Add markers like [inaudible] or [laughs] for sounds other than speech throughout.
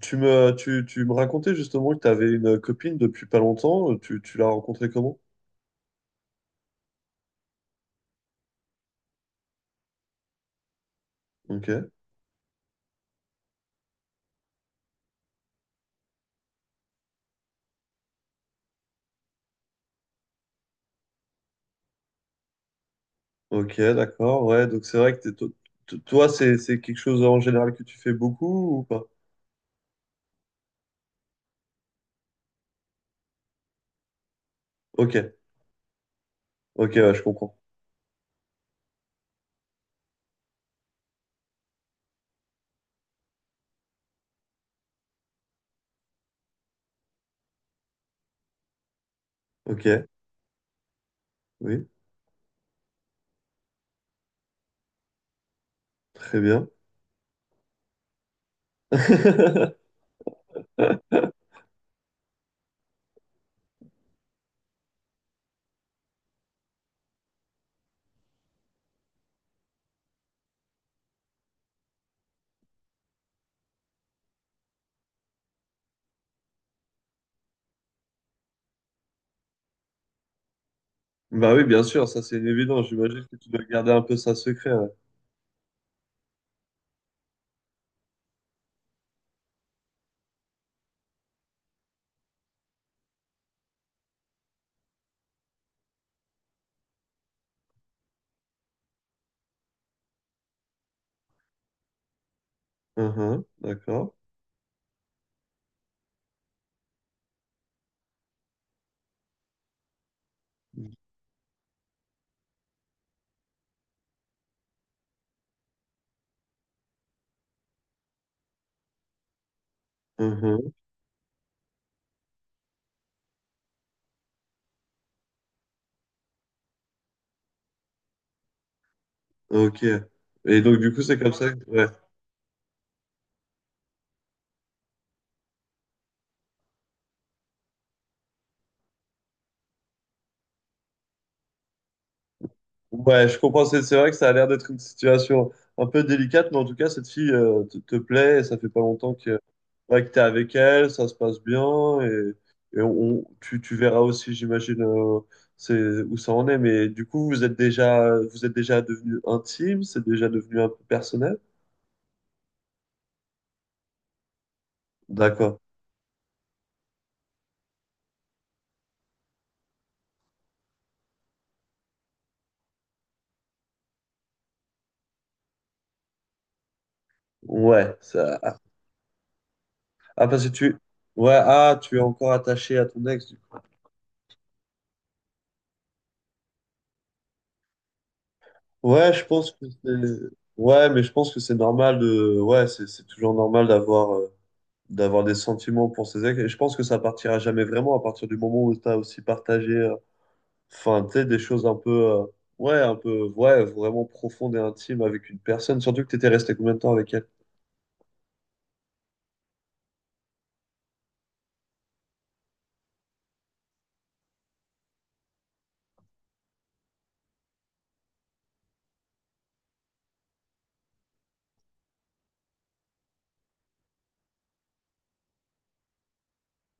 Tu me racontais justement que tu avais une copine depuis pas longtemps. Tu l'as rencontrée comment? Ok, ok, d'accord. Ouais, donc c'est vrai que toi, c'est quelque chose en général que tu fais beaucoup ou pas? Ok, ok, ouais, je comprends. Ok, oui, très bien. [laughs] Bah oui, bien sûr, ça c'est évident. J'imagine que tu dois garder un peu ça secret. Ouais. Mhm, d'accord. Mhm, ok. Et donc, du coup, c'est comme ça. Ouais. Ouais, je comprends. C'est vrai que ça a l'air d'être une situation un peu délicate, mais en tout cas, cette fille te plaît et ça fait pas longtemps que, ouais, que t'es avec elle, ça se passe bien et tu verras aussi, j'imagine, c'est, où ça en est. Mais du coup, vous êtes déjà devenu intime, c'est déjà devenu un peu personnel. D'accord. Ouais, ça. Ah, parce que tu. Ouais, ah, tu es encore attaché à ton ex, du coup. Ouais, je pense que c'est. Ouais, mais je pense que c'est normal de. Ouais, c'est toujours normal d'avoir. D'avoir des sentiments pour ses ex. Et je pense que ça partira jamais vraiment à partir du moment où tu as aussi partagé, enfin, tu sais, des choses un peu, ouais, un peu, ouais, vraiment profondes et intimes avec une personne. Surtout que tu étais resté combien de temps avec elle?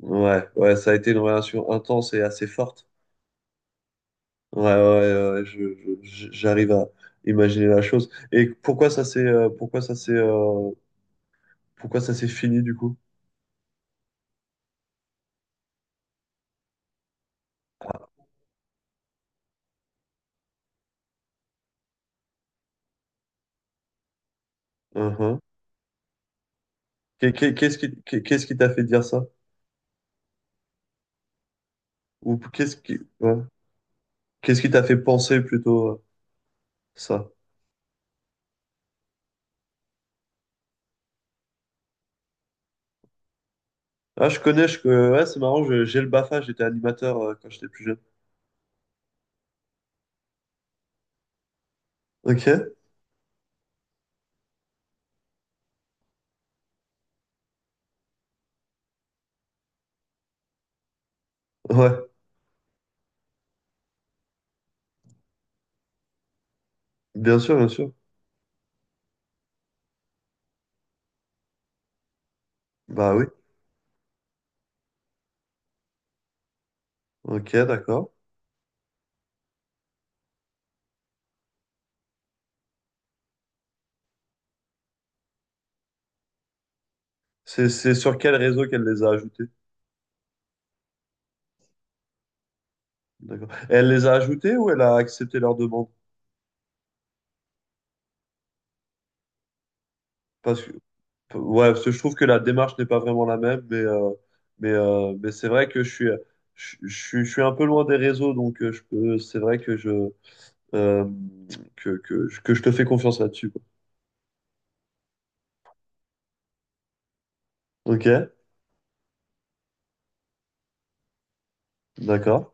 Ouais, ouais, ça a été une relation intense et assez forte. Ouais, ouais, ouais, ouais, j'arrive à imaginer la chose. Et pourquoi ça s'est, pourquoi ça s'est, pourquoi ça s'est fini du coup? Uhum. Qu'est-ce qui t'a fait dire ça? Ou qu'est-ce qui, ouais. Qu'est-ce qui t'a fait penser plutôt ça? Ah, je connais, ouais, c'est marrant, j'ai le BAFA, j'étais animateur quand j'étais plus jeune. Ok, ouais, bien sûr, bien sûr. Bah oui, ok, d'accord. C'est sur quel réseau qu'elle les a ajoutés? D'accord. Elle les a ajoutés ou elle a accepté leur demande? Parce que, ouais, parce que je trouve que la démarche n'est pas vraiment la même, mais c'est vrai que je suis un peu loin des réseaux, donc je peux, c'est vrai que euh, que je te fais confiance là-dessus, quoi. Ok, d'accord.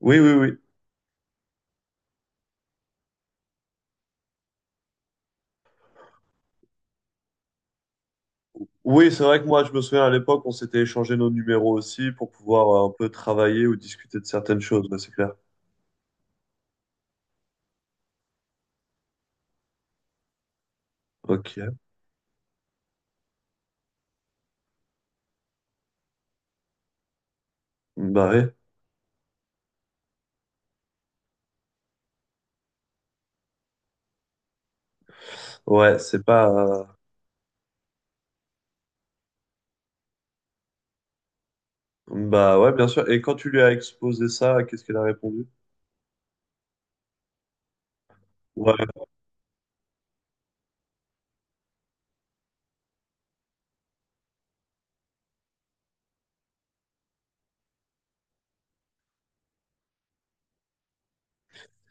Oui, oui, oui. Oui, c'est vrai que moi, je me souviens à l'époque, on s'était échangé nos numéros aussi pour pouvoir un peu travailler ou discuter de certaines choses, ouais, c'est clair. Ok. Bah ouais, ouais, c'est pas. Bah ouais, bien sûr. Et quand tu lui as exposé ça, qu'est-ce qu'elle a répondu? Ouais.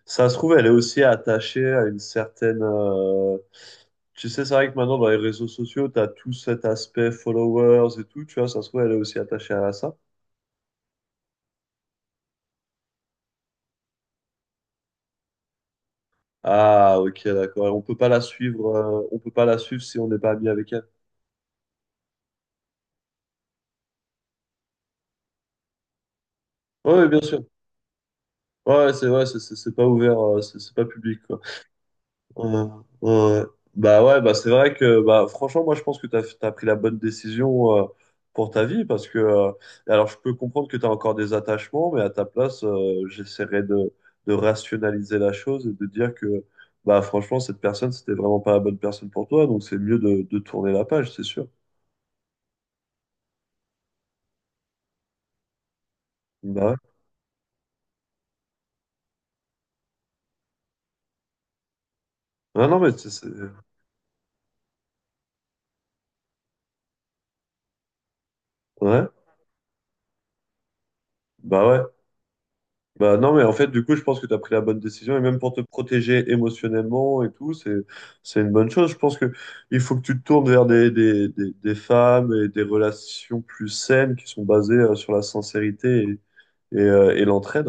Ça se trouve, elle est aussi attachée à une certaine. Tu sais, c'est vrai que maintenant, dans les réseaux sociaux, tu as tout cet aspect followers et tout, tu vois, ça se trouve, elle est aussi attachée à ça. Ah, ok, d'accord. Et on peut pas la suivre, on peut pas la suivre si on n'est pas ami avec elle. Oui, bien sûr. Ouais, c'est ouais, c'est pas ouvert, c'est pas public, quoi. Ouais, ouais. Bah ouais, bah c'est vrai que bah franchement, moi je pense que t'as pris la bonne décision pour ta vie parce que alors je peux comprendre que t'as encore des attachements, mais à ta place, j'essaierais de rationaliser la chose et de dire que bah franchement cette personne c'était vraiment pas la bonne personne pour toi, donc c'est mieux de tourner la page, c'est sûr. Bah ouais. Ouais, non mais ouais, ouais. Bah non, mais en fait, du coup, je pense que tu as pris la bonne décision, et même pour te protéger émotionnellement et tout, c'est une bonne chose. Je pense que il faut que tu te tournes vers des femmes et des relations plus saines qui sont basées sur la sincérité et l'entraide.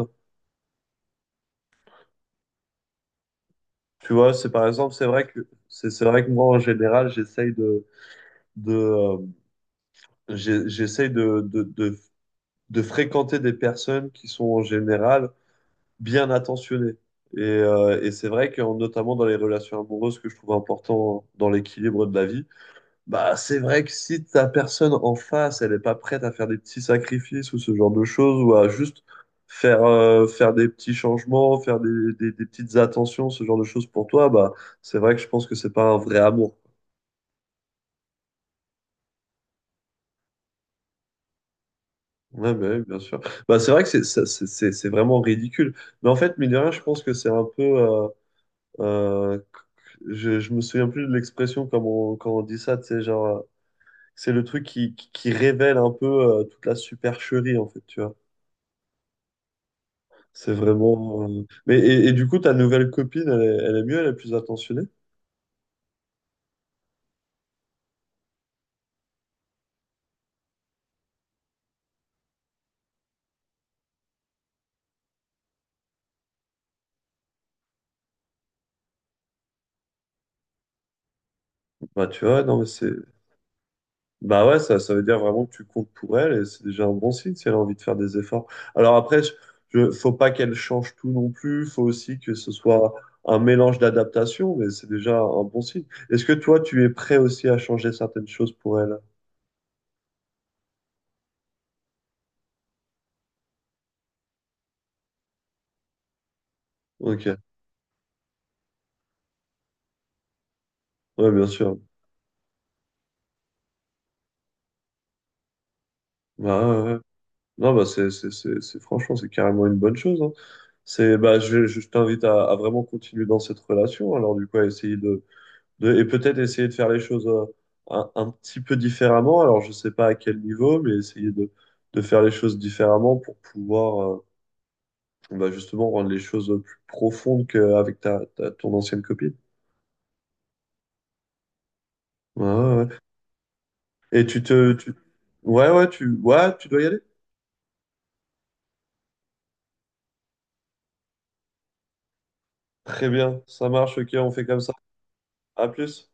Tu vois, c'est par exemple, c'est vrai que moi, en général, de, euh, j'essaye de fréquenter des personnes qui sont en général bien attentionné. Et c'est vrai que notamment dans les relations amoureuses, que je trouve important dans l'équilibre de la vie, bah c'est vrai que si ta personne en face, elle n'est pas prête à faire des petits sacrifices ou ce genre de choses, ou à juste faire, faire des petits changements, faire des petites attentions, ce genre de choses pour toi, bah c'est vrai que je pense que c'est pas un vrai amour. Ouais, mais oui, bien sûr. Bah, c'est vrai que c'est ça- c'est vraiment ridicule. Mais en fait, mine de rien, je pense que c'est un peu. Euh, je me souviens plus de l'expression comme on, quand on dit ça, tu sais, genre, c'est le truc qui révèle un peu toute la supercherie, en fait, tu vois. C'est vraiment. Mais, et du coup, ta nouvelle copine, elle est mieux, elle est plus attentionnée. Bah, tu vois, non, mais c'est. Bah ouais, ça veut dire vraiment que tu comptes pour elle et c'est déjà un bon signe si elle a envie de faire des efforts. Alors après, faut pas qu'elle change tout non plus, faut aussi que ce soit un mélange d'adaptation, mais c'est déjà un bon signe. Est-ce que toi, tu es prêt aussi à changer certaines choses pour elle? Ok, ouais, bien sûr. Bah ouais, ouais. Ouais. Non, bah franchement, c'est carrément une bonne chose, hein. C'est, bah, je t'invite à vraiment continuer dans cette relation, alors du coup, à essayer de et peut-être essayer de faire les choses un petit peu différemment. Alors, je ne sais pas à quel niveau, mais essayer de faire les choses différemment pour pouvoir bah, justement rendre les choses plus profondes qu'avec ton ancienne copine. Ouais, ouais, ouais. Et tu te... Tu... Ouais, ouais, tu... Ouais, tu dois y aller. Très bien, ça marche, ok, on fait comme ça. À plus.